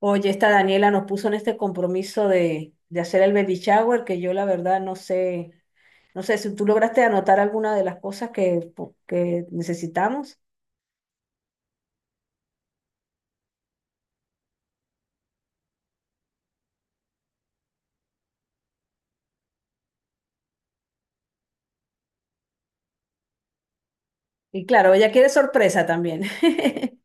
Oye, esta Daniela nos puso en este compromiso de hacer el baby shower, que yo la verdad no sé, si tú lograste anotar alguna de las cosas que necesitamos. Y claro, ella quiere sorpresa también.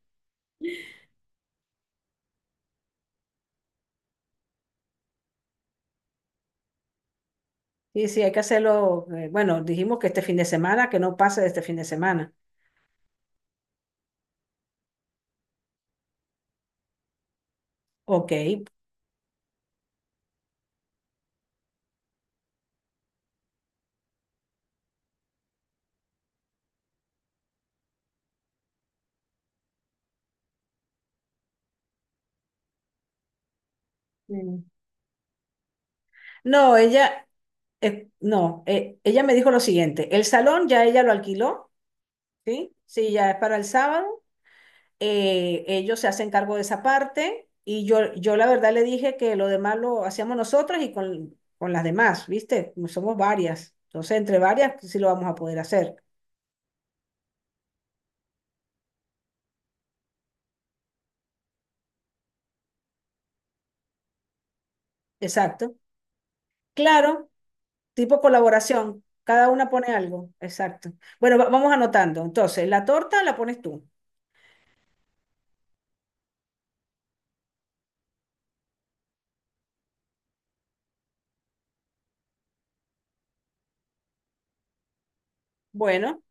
Y sí, hay que hacerlo. Bueno, dijimos que este fin de semana, que no pase de este fin de semana. Ok. Mm. No, ella, no, ella me dijo lo siguiente, el salón ya ella lo alquiló, ¿sí? Sí, ya es para el sábado. Ellos se hacen cargo de esa parte y yo la verdad le dije que lo demás lo hacíamos nosotras y con las demás, ¿viste? Como somos varias, entonces entre varias pues sí lo vamos a poder hacer. Exacto. Claro, tipo colaboración, cada una pone algo, exacto. Bueno, vamos anotando. Entonces, la torta la pones tú. Bueno,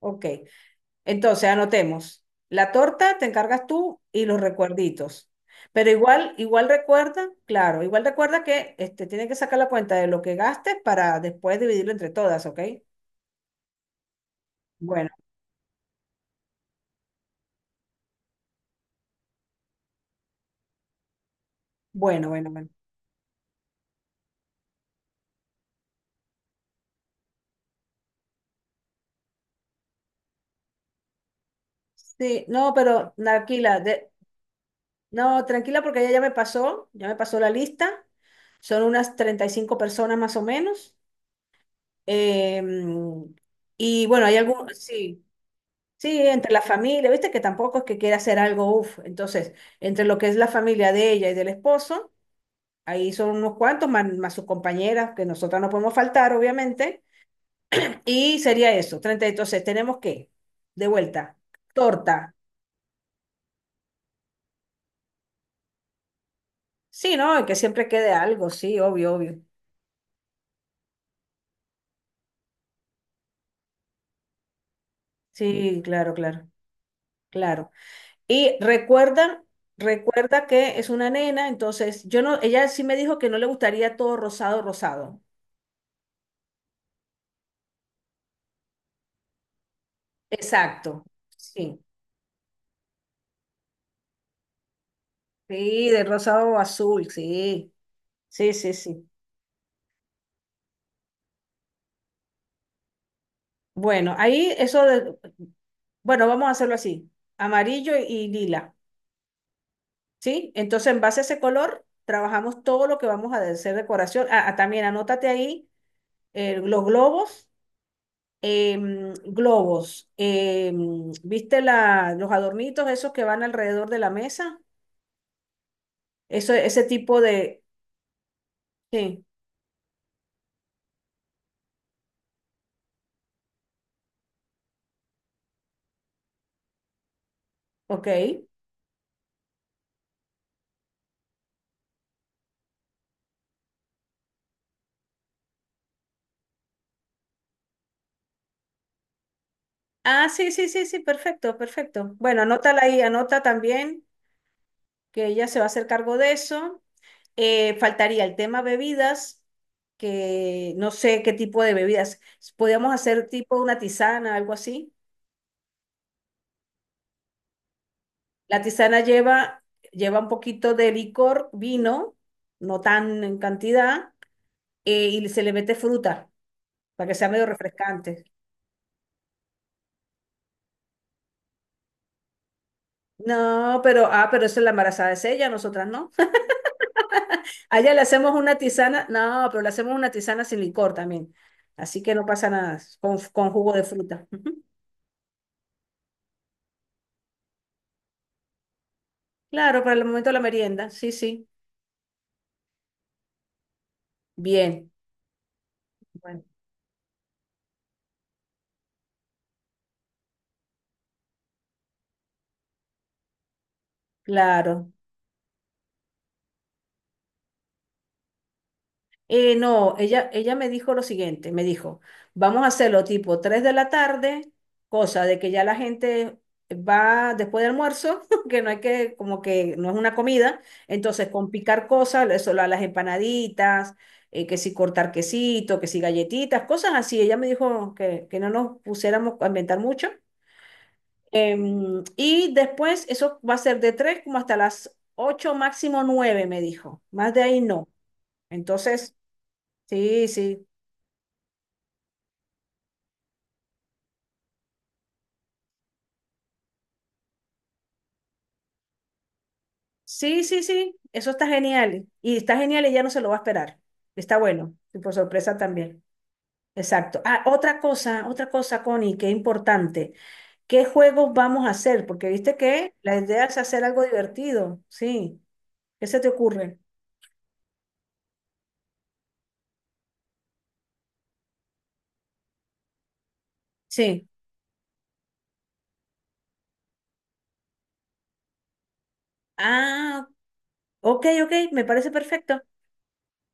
ok. Entonces, anotemos. La torta te encargas tú y los recuerditos. Pero igual, igual recuerda, claro, igual recuerda que este, tienen que sacar la cuenta de lo que gastes para después dividirlo entre todas, ¿ok? Bueno, bueno, bueno, bueno. Sí, no, pero tranquila, no, tranquila porque ella ya me pasó la lista. Son unas 35 personas más o menos. Em, y bueno, hay algún, sí. Sí, entre la familia, viste que tampoco es que quiera hacer algo, uff. Entonces, entre lo que es la familia de ella y del esposo, ahí son unos cuantos, más, más sus compañeras, que nosotras no podemos faltar, obviamente. Y sería eso, 30. Entonces, tenemos que, de vuelta, torta. Sí, ¿no? Y que siempre quede algo, sí, obvio, obvio. Sí, claro, claro, claro. Y recuerda, recuerda que es una nena, entonces, yo no, ella sí me dijo que no le gustaría todo rosado, rosado. Exacto. Sí, sí, de rosado azul, sí. Sí, sí, sí. Bueno, ahí bueno, vamos a hacerlo así. Amarillo y lila, ¿sí? Entonces, en base a ese color, trabajamos todo lo que vamos a hacer decoración. Ah, ah, también anótate ahí los globos, globos, ¿viste los adornitos esos que van alrededor de la mesa? Eso, ese tipo de... Sí, ok. Ah, sí, sí, sí, sí, perfecto, perfecto. Bueno, anótala ahí, anota también que ella se va a hacer cargo de eso. Faltaría el tema bebidas, que no sé qué tipo de bebidas. Podríamos hacer tipo una tisana, algo así. La tisana lleva, lleva un poquito de licor, vino, no tan en cantidad, y se le mete fruta para que sea medio refrescante. No, pero, ah, pero eso es, la embarazada es ella, nosotras no. A ella le hacemos una tisana, no, pero le hacemos una tisana sin licor también. Así que no pasa nada, con jugo de fruta. Claro, para el momento de la merienda, sí, sí. Bien, bueno, claro. No, ella, ella me dijo lo siguiente, me dijo, vamos a hacerlo tipo 3 de la tarde, cosa de que ya la gente va después del almuerzo, que no hay que, como que no es una comida, entonces con picar cosas, eso, las empanaditas, que si cortar quesito, que si galletitas, cosas así. Ella me dijo que no nos pusiéramos a inventar mucho. Y después eso va a ser de 3 como hasta las 8 máximo 9, me dijo. Más de ahí no. Entonces, sí, sí. Sí, sí, sí. Eso está genial. Y está genial, y ya no se lo va a esperar. Está bueno. Y por sorpresa también. Exacto. Ah, otra cosa, Connie, que es importante. ¿Qué juegos vamos a hacer? Porque viste que la idea es hacer algo divertido. Sí. ¿Qué se te ocurre? Sí. Ah, ok, ok. Me parece perfecto.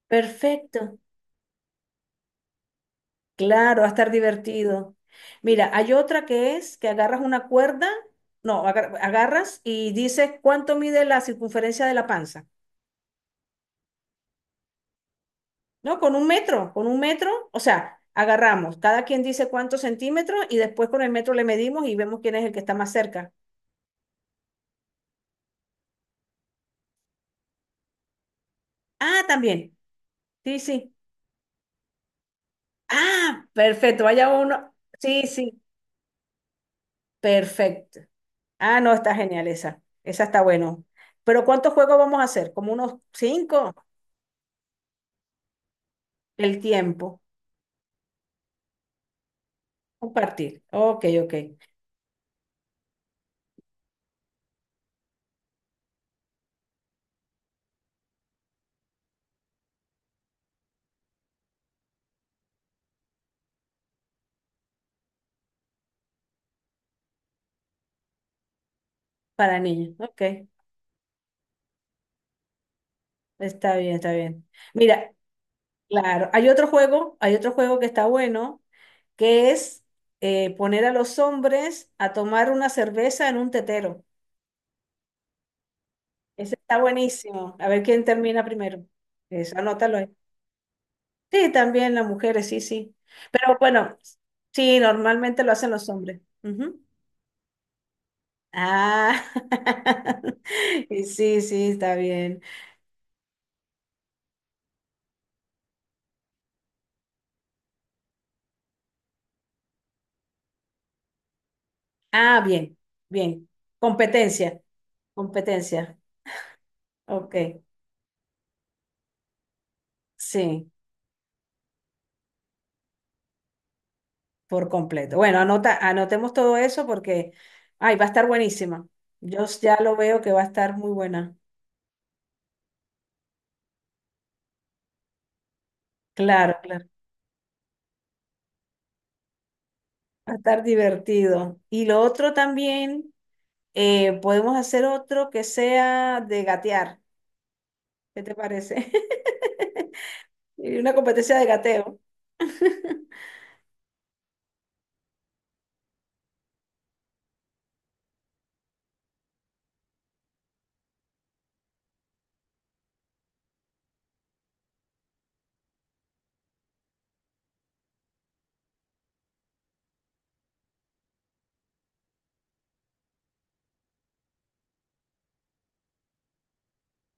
Perfecto. Claro, va a estar divertido. Mira, hay otra que es que agarras una cuerda, no, agarras y dices cuánto mide la circunferencia de la panza, ¿no? Con un metro, o sea, agarramos, cada quien dice cuántos centímetros y después con el metro le medimos y vemos quién es el que está más cerca. Ah, también, sí, sí. Ah, perfecto, vaya uno. Sí, sí, perfecto. Ah, no, está genial esa, esa está bueno. Pero ¿cuántos juegos vamos a hacer? ¿Como unos cinco? El tiempo. Compartir. Ok, ok. Para niños. Ok. Está bien, está bien. Mira, claro, hay otro juego que está bueno, que es poner a los hombres a tomar una cerveza en un tetero. Ese está buenísimo. A ver quién termina primero. Eso, anótalo ahí. Sí, también las mujeres, sí, sí. Pero bueno, sí, normalmente lo hacen los hombres. Ujú. Ah, y sí, sí, está bien. Ah, bien, bien. Competencia. Competencia. Ok, sí, por completo. Bueno, anota, anotemos todo eso porque, ay, va a estar buenísima. Ya lo veo que va a estar muy buena. Claro, claro. Va a estar divertido. Y lo otro también, podemos hacer otro que sea de gatear. ¿Qué te parece? Y una competencia de gateo.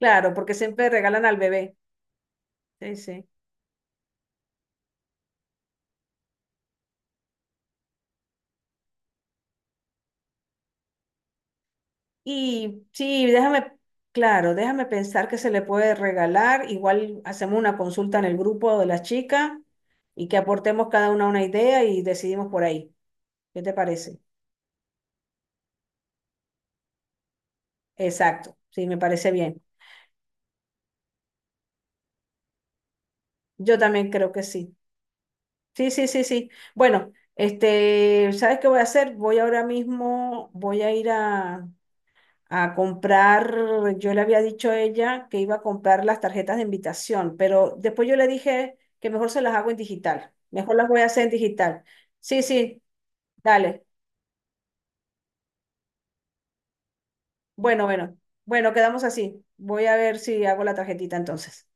Claro, porque siempre regalan al bebé. Sí, sí. Y sí, déjame, claro, déjame pensar que se le puede regalar. Igual hacemos una consulta en el grupo de las chicas y que aportemos cada una idea y decidimos por ahí. ¿Qué te parece? Exacto, sí, me parece bien. Yo también creo que sí. Sí, sí, sí, sí. Bueno, este, ¿sabes qué voy a hacer? Voy ahora mismo, voy a ir a comprar, yo le había dicho a ella que iba a comprar las tarjetas de invitación, pero después yo le dije que mejor se las hago en digital, mejor las voy a hacer en digital. Sí, sí, dale. Bueno, bueno, bueno, quedamos así. Voy a ver si hago la tarjetita entonces.